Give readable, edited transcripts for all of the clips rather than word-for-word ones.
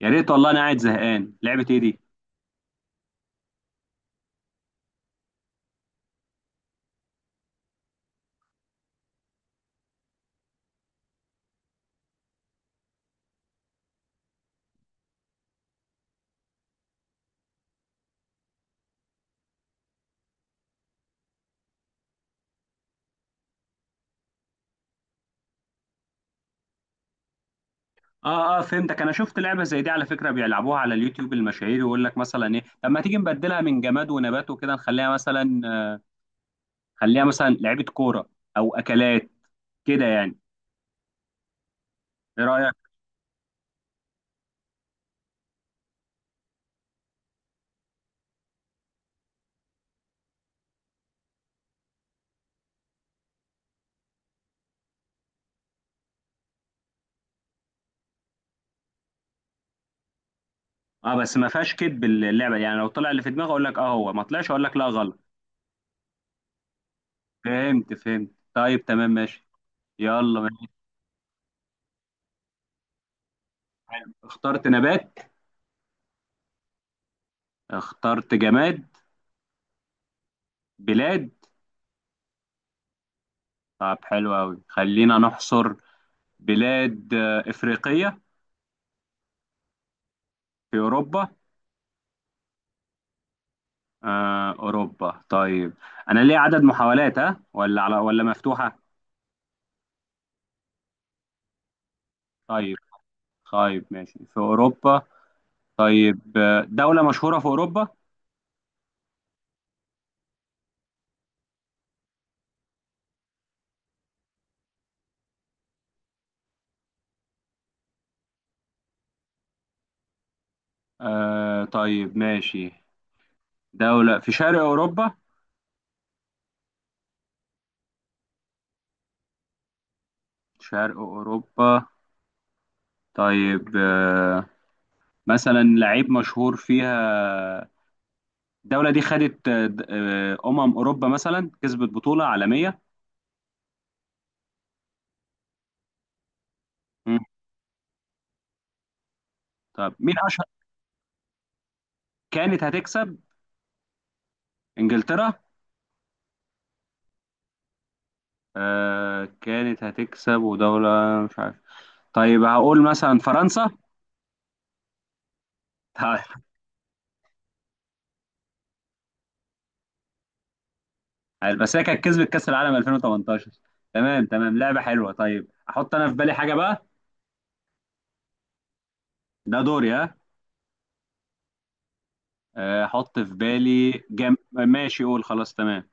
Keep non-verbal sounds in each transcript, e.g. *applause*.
يا ريت والله، انا قاعد زهقان. لعبه ايه دي؟ اه فهمتك. انا شفت لعبه زي دي على فكره بيلعبوها على اليوتيوب المشاهير، يقول لك مثلا ايه طب ما تيجي نبدلها من جماد ونبات وكده، نخليها مثلا خليها مثلا لعبه كوره او اكلات، كده يعني. ايه رايك؟ اه بس ما فيهاش كدب اللعبه، يعني لو طلع اللي في دماغي اقول لك اه، هو ما طلعش اقول لك لا غلط. فهمت طيب، تمام ماشي. يلا ماشي. حلو. اخترت نبات. اخترت جماد. بلاد. طب حلو قوي، خلينا نحصر. بلاد، افريقيه؟ في اوروبا؟ أوروبا طيب. أنا ليه عدد محاولات، ها؟ ولا على ولا مفتوحة؟ طيب. طيب ماشي، في أوروبا. طيب، دولة مشهورة في أوروبا. آه طيب ماشي. دولة في شرق أوروبا. شرق أوروبا. طيب مثلا لعيب مشهور فيها. الدولة دي خدت، أمم أوروبا، مثلا كسبت بطولة عالمية. مم. طب مين أشهر؟ كانت هتكسب. إنجلترا؟ آه كانت هتكسب ودولة. مش عارف. طيب هقول مثلا فرنسا. طيب بس هي كانت كسبت كأس العالم 2018. تمام تمام، لعبة حلوة. طيب احط انا في بالي حاجة بقى. ده دوري، ها؟ آه، احط في بالي جم... ماشي قول خلاص تمام.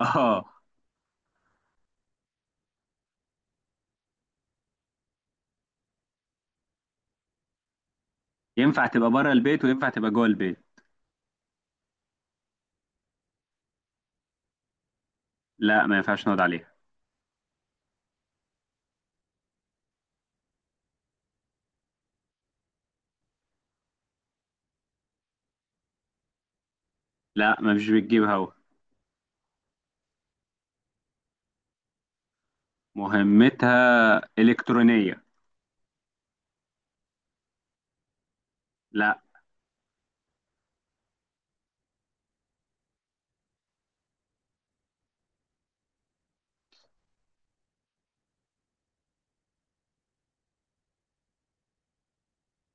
اه. ينفع تبقى بره البيت وينفع تبقى جوه البيت. لا ما ينفعش نقعد عليها. لا ما مش بتجيب هوا. مهمتها إلكترونية. لا.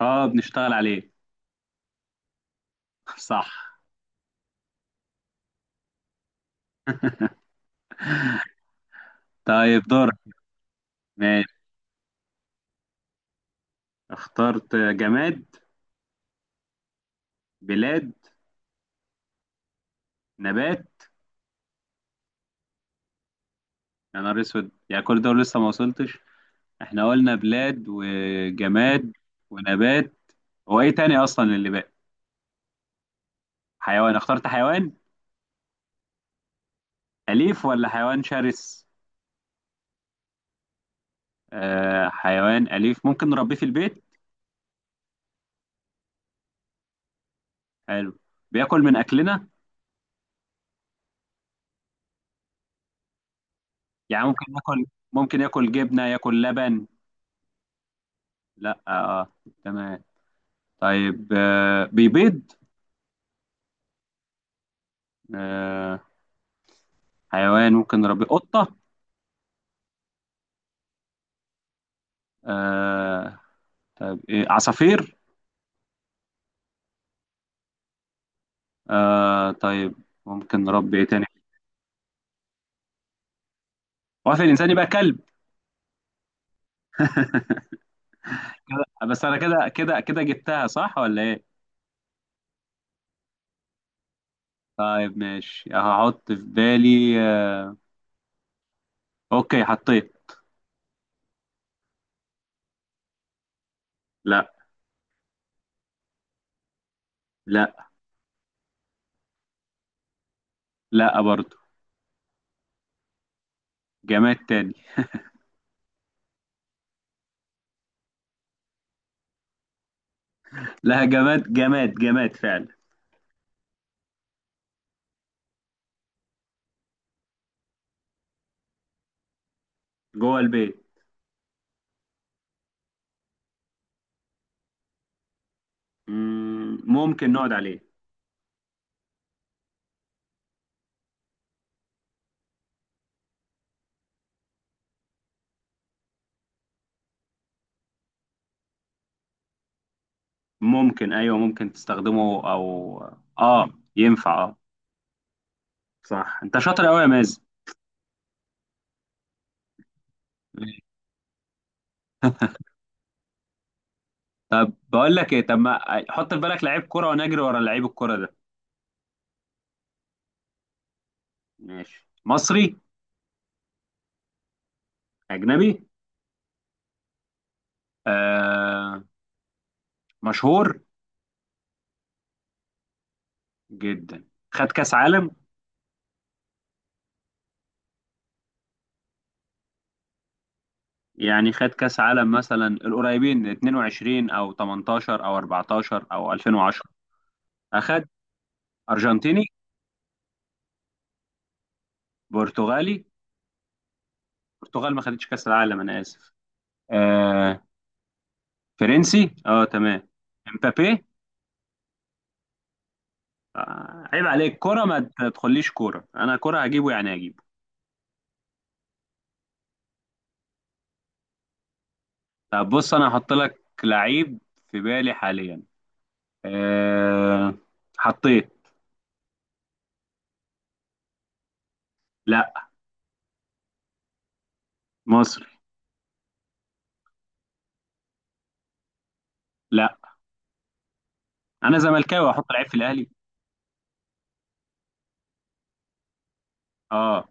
اه بنشتغل عليه. *laughs* صح. طيب دور. ماشي. اخترت جماد. بلاد. نبات. يا نهار اسود، يعني كل دول لسه ما وصلتش. احنا قلنا بلاد وجماد ونبات، هو ايه تاني اصلا اللي باقي؟ حيوان؟ اخترت حيوان. اليف ولا حيوان شرس؟ آه حيوان اليف ممكن نربيه في البيت. حلو. بياكل من اكلنا؟ يعني ممكن ياكل. ممكن ياكل جبنة ياكل لبن. لا. آه. تمام. طيب آه بيبيض. آه حيوان ممكن نربيه، قطة؟ آه طيب، ايه، عصافير؟ آه طيب ممكن نربي ايه تاني؟ هو في الإنسان؟ يبقى كلب. *laughs* كده بس. أنا كده جبتها صح ولا إيه؟ طيب ماشي، هحط في بالي أوكي حطيت. لا. لا. لا برضه. جماد تاني. لا جماد فعلا. جوه البيت. ممكن نقعد عليه. ممكن. أيوه ممكن تستخدمه أو آه ينفع آه. صح، أنت شاطر أوي يا مازن. طب بقول لك إيه، طب ما حط في بالك لعيب كرة ونجري ورا لعيب الكرة ده. ماشي. مصري؟ أجنبي. آه. مشهور. جدا. خد كاس عالم. يعني خد كاس عالم مثلا القريبين، 22 او 18 او 14 او 2010. اخد. ارجنتيني؟ برتغالي؟ البرتغال ما خدتش كاس العالم، انا اسف. آه فرنسي، اه تمام. امبابي. آه عيب عليك، كرة ما تدخليش كورة؟ انا كرة هجيبه يعني هجيبه. طب بص انا هحط لك لعيب في بالي حاليا. آه حطيت. لا. مصر. لا انا زملكاوي، احط العيب في الاهلي؟ اه.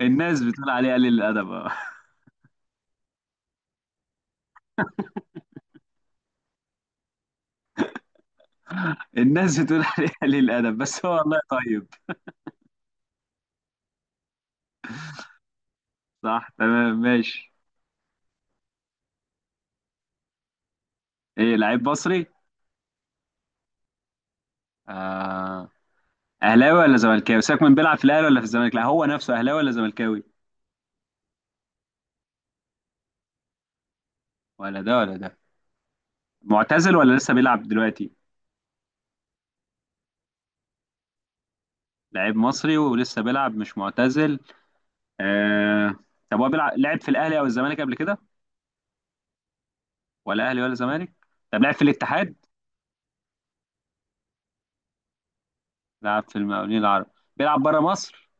الناس بتقول عليه قليل الادب، اه. *laughs* الناس بتقول عليه قليل الادب بس هو والله طيب. صح تمام، ماشي. ايه لعيب مصري. آه. اهلاوي ولا زملكاوي؟ سيبك من بيلعب في الاهلي ولا في الزمالك، لا هو نفسه اهلاوي ولا زملكاوي؟ ولا ده ولا ده. معتزل ولا لسه بيلعب دلوقتي؟ لعيب مصري ولسه بيلعب، مش معتزل. آه. طب هو بيلعب، لعب في الاهلي او الزمالك قبل كده؟ ولا اهلي ولا زمالك. طب لعب في الاتحاد؟ لعب في المقاولين العرب. بيلعب بره مصر.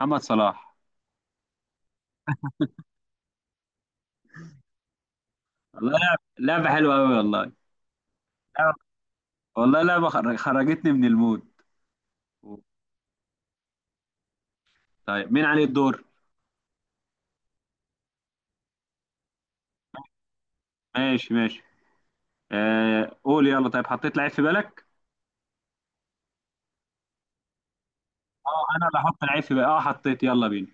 محمد صلاح. والله لعبة حلوة أوي والله. لعبة- والله لعبة خرجتني من المود. طيب مين عليه الدور؟ ماشي ماشي. آه قول يلا. طيب حطيت لعيب في بالك؟ اه أنا اللي هحط لعيب في بالك، اه حطيت يلا بينا.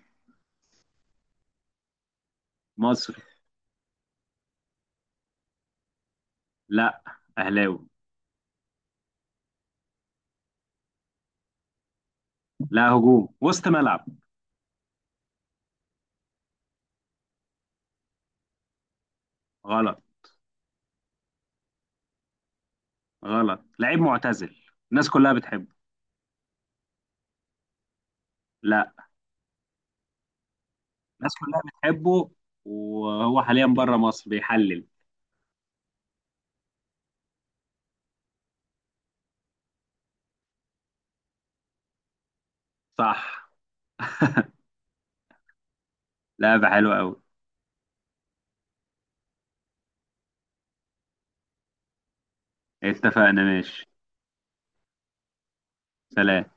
مصري. لا أهلاوي. لا هجوم، وسط ملعب. غلط. غلط، لعيب معتزل. الناس كلها بتحبه. لا. الناس كلها بتحبه، وهو حاليا بره مصر بيحلل. صح. لعبة حلوة أوي. اتفقنا ماشي. سلام.